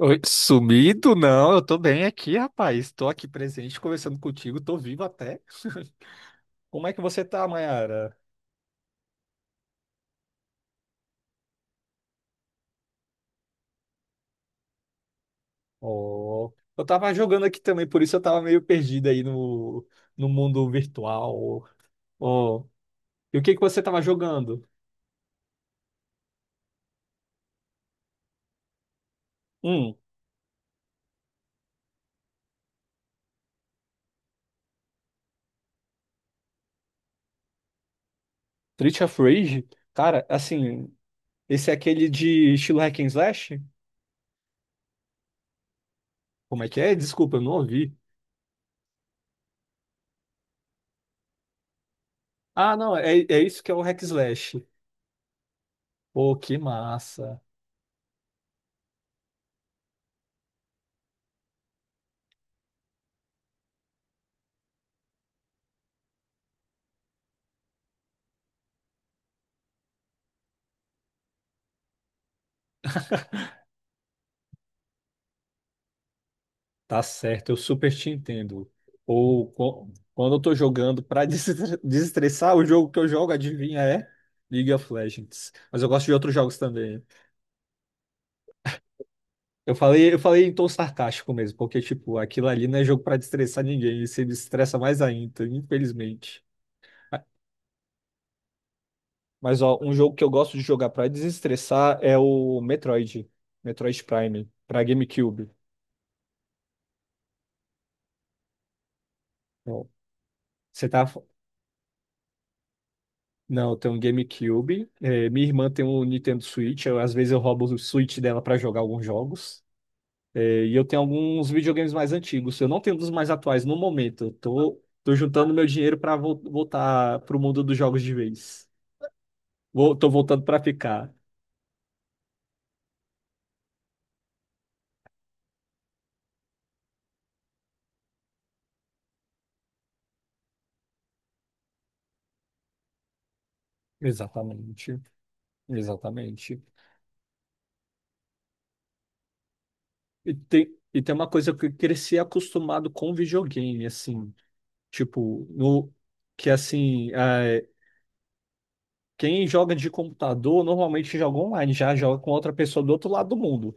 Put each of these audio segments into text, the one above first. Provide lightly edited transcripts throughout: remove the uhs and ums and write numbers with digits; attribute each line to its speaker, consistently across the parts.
Speaker 1: Oi, sumido? Não, eu tô bem aqui, rapaz. Tô aqui presente, conversando contigo, tô vivo até. Como é que você tá, Mayara? Oh, eu tava jogando aqui também, por isso eu tava meio perdido aí no, no mundo virtual. Oh, e o que que você tava jogando? Hum. Street of Rage? Cara, assim, esse é aquele de estilo hack and slash? Como é que é? Desculpa, eu não ouvi. Ah, não, é isso que é o hack slash. Pô, que massa. Tá certo, eu super te entendo. Quando eu tô jogando desestressar, o jogo que eu jogo, adivinha, é League of Legends. Mas eu gosto de outros jogos também. Eu falei em tom sarcástico mesmo, porque, tipo, aquilo ali não é jogo pra desestressar ninguém, e se desestressa mais ainda, infelizmente. Ah. Mas, ó, um jogo que eu gosto de jogar pra desestressar é o Metroid, Metroid Prime, pra GameCube. Ó. Você tá. Não, eu tenho um GameCube. É, minha irmã tem um Nintendo Switch. Às vezes eu roubo o Switch dela para jogar alguns jogos. É, e eu tenho alguns videogames mais antigos. Eu não tenho um dos mais atuais no momento. Tô juntando meu dinheiro para voltar pro mundo dos jogos de vez. Vou, tô voltando para ficar. Exatamente. Exatamente. E tem uma coisa que eu cresci acostumado com videogame, assim. Tipo, no, Que assim. Quem joga de computador normalmente joga online, já joga com outra pessoa do outro lado do mundo.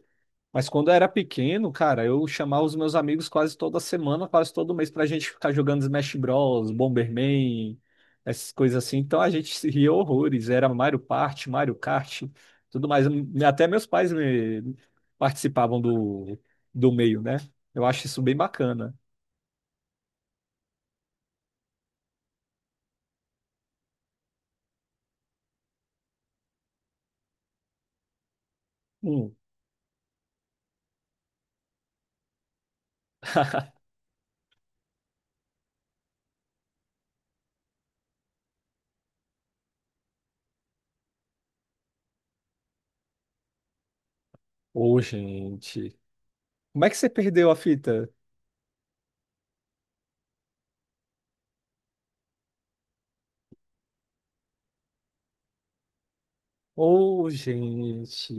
Speaker 1: Mas quando eu era pequeno, cara, eu chamava os meus amigos quase toda semana, quase todo mês, pra gente ficar jogando Smash Bros, Bomberman, essas coisas assim. Então a gente se ria horrores. Era Mario Party, Mario Kart, tudo mais. Até meus pais me- Participavam do meio, né? Eu acho isso bem bacana. Hum. Ô, gente. Como é que você perdeu a fita? Ô, gente.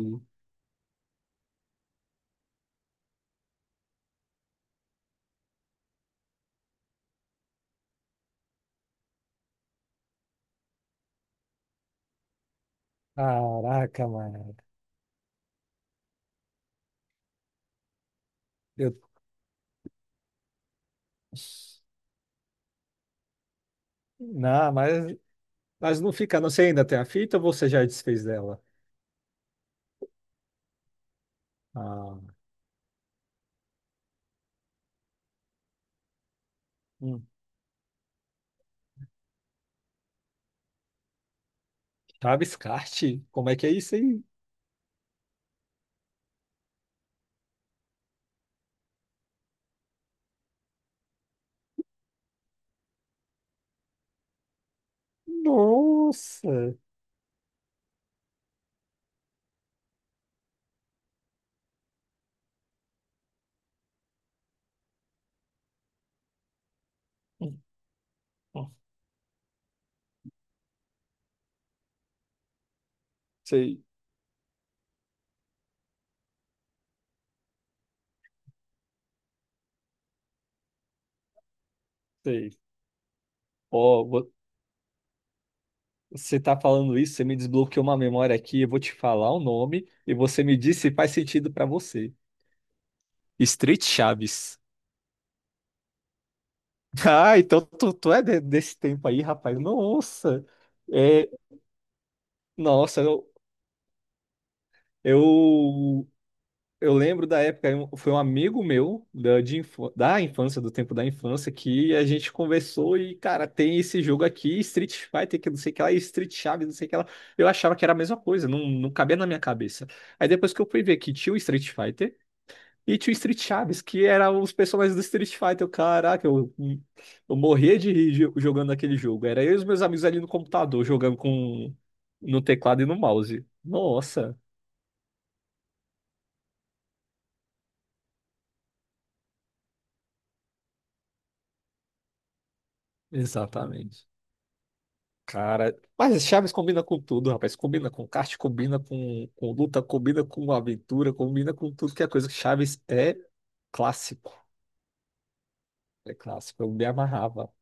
Speaker 1: Caraca, mano. Eu... Não, mas não fica. Não sei, ainda tem a fita ou você já desfez dela? Ah, hum. Chaves Kart? Como é que é isso aí? Nossa! Sei, sei. Ó, você tá falando isso, você me desbloqueou uma memória aqui, eu vou te falar o nome e você me diz se faz sentido pra você. Street Chaves. Ah, então tu, desse tempo aí, rapaz. Nossa! É, nossa, eu eu lembro da época, foi um amigo meu de infância, da infância, do tempo da infância, que a gente conversou e, cara, tem esse jogo aqui, Street Fighter, que não sei o que lá, e Street Chaves, não sei o que lá. Eu achava que era a mesma coisa, não, não cabia na minha cabeça. Aí depois que eu fui ver que tinha o Street Fighter e tinha o Street Chaves, que eram os personagens do Street Fighter, caraca, eu morria de rir jogando aquele jogo. Era eu e os meus amigos ali no computador, jogando com no teclado e no mouse. Nossa, exatamente. Cara, mas Chaves combina com tudo, rapaz. Combina com kart, combina com luta, combina com aventura, combina com tudo que é coisa. Chaves é clássico. É clássico. Eu me amarrava.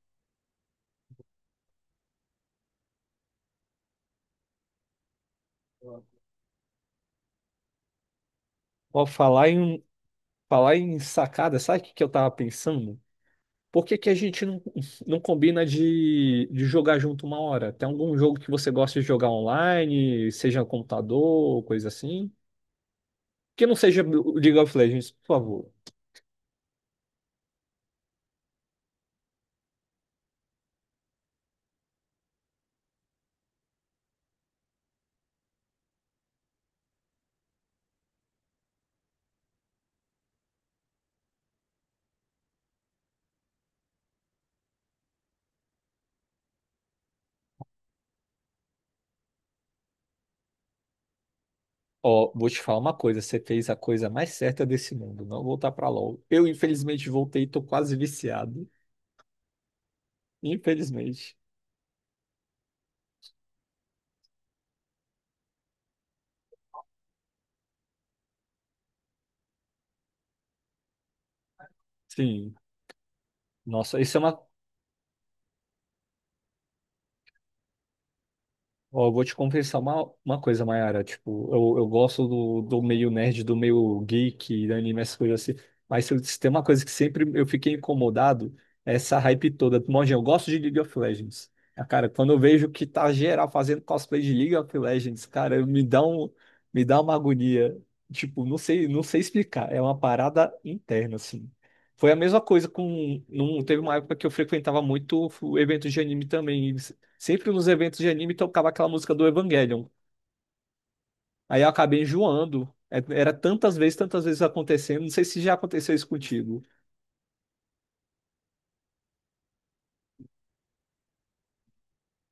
Speaker 1: Ó, falar em sacada, sabe que eu tava pensando? Por que, que a gente não combina de jogar junto uma hora? Tem algum jogo que você gosta de jogar online, seja computador, coisa assim? Que não seja o League of Legends, por favor. Ó, vou te falar uma coisa, você fez a coisa mais certa desse mundo, não voltar pra LoL. Eu, infelizmente, voltei, tô quase viciado. Infelizmente. Sim. Nossa, isso é uma. Ó, eu vou te confessar uma coisa, Mayara. Tipo, eu gosto do meio nerd, do meio geek, da anime, essas coisas assim. Mas se tem uma coisa que sempre eu fiquei incomodado, é essa hype toda. Mojinho, eu gosto de League of Legends. Ah, cara, quando eu vejo que tá geral fazendo cosplay de League of Legends, cara, eu me dá um, me dá uma agonia. Tipo, não sei, não sei explicar. É uma parada interna, assim. Foi a mesma coisa com. Teve uma época que eu frequentava muito eventos de anime também. Sempre nos eventos de anime tocava aquela música do Evangelion. Aí eu acabei enjoando. Era tantas vezes acontecendo. Não sei se já aconteceu isso contigo.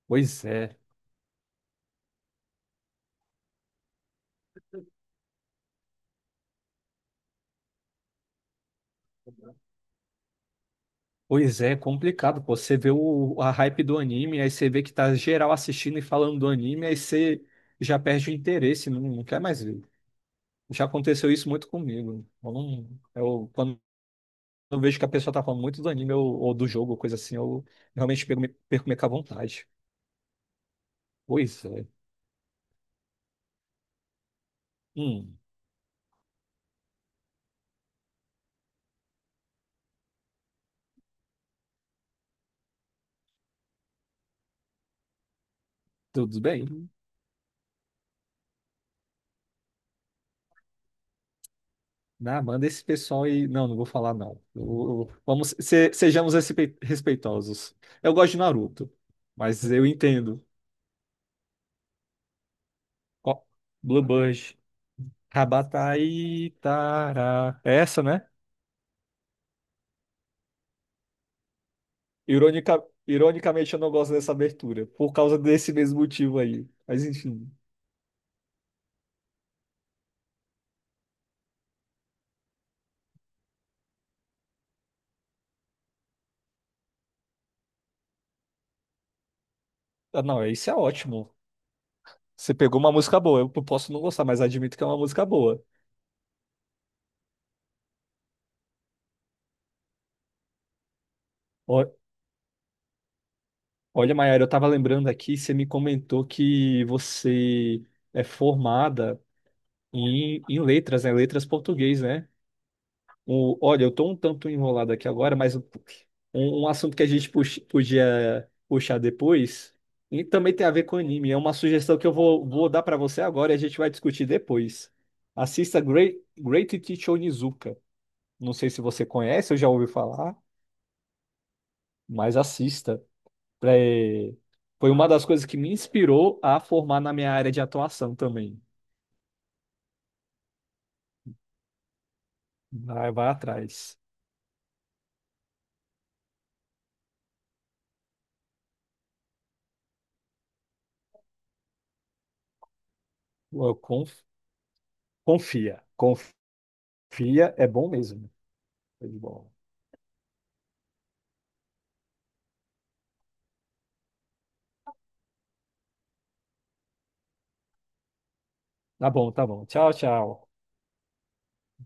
Speaker 1: Pois é. Pois é, é complicado, pô. Você vê a hype do anime, aí você vê que tá geral assistindo e falando do anime, aí você já perde o interesse, não, não quer mais ver. Já aconteceu isso muito comigo. Eu, não- eu- Quando eu vejo que a pessoa tá falando muito do anime ou do jogo, ou coisa assim, eu realmente perco meio que a vontade. Pois é. Hum, tudo bem? Ah, manda esse pessoal e. Não, não vou falar, não. Vamos, sejamos respeitosos. Eu gosto de Naruto, mas eu entendo. Ó, Bluebird. Rabataitara. É essa, né? Ironicamente, eu não gosto dessa abertura, por causa desse mesmo motivo aí. Mas enfim. Ah, não, isso é ótimo. Você pegou uma música boa. Eu posso não gostar, mas admito que é uma música boa. Ó- Olha, Mayara, eu tava lembrando aqui, você me comentou que você é formada. E letras, né? Letras português, né? O, olha, eu tô um tanto enrolado aqui agora, mas um assunto que a gente podia puxar depois, e também tem a ver com anime. É uma sugestão que eu vou dar pra você agora e a gente vai discutir depois. Assista Great Teacher Onizuka. Não sei se você conhece ou já ouviu falar, mas assista. É. Foi uma das coisas que me inspirou a formar na minha área de atuação também. Vai atrás. Eu conf- Confia. Confia. Fia é bom mesmo. Né? Foi de bola. Tá bom, tá bom. Tchau, tchau.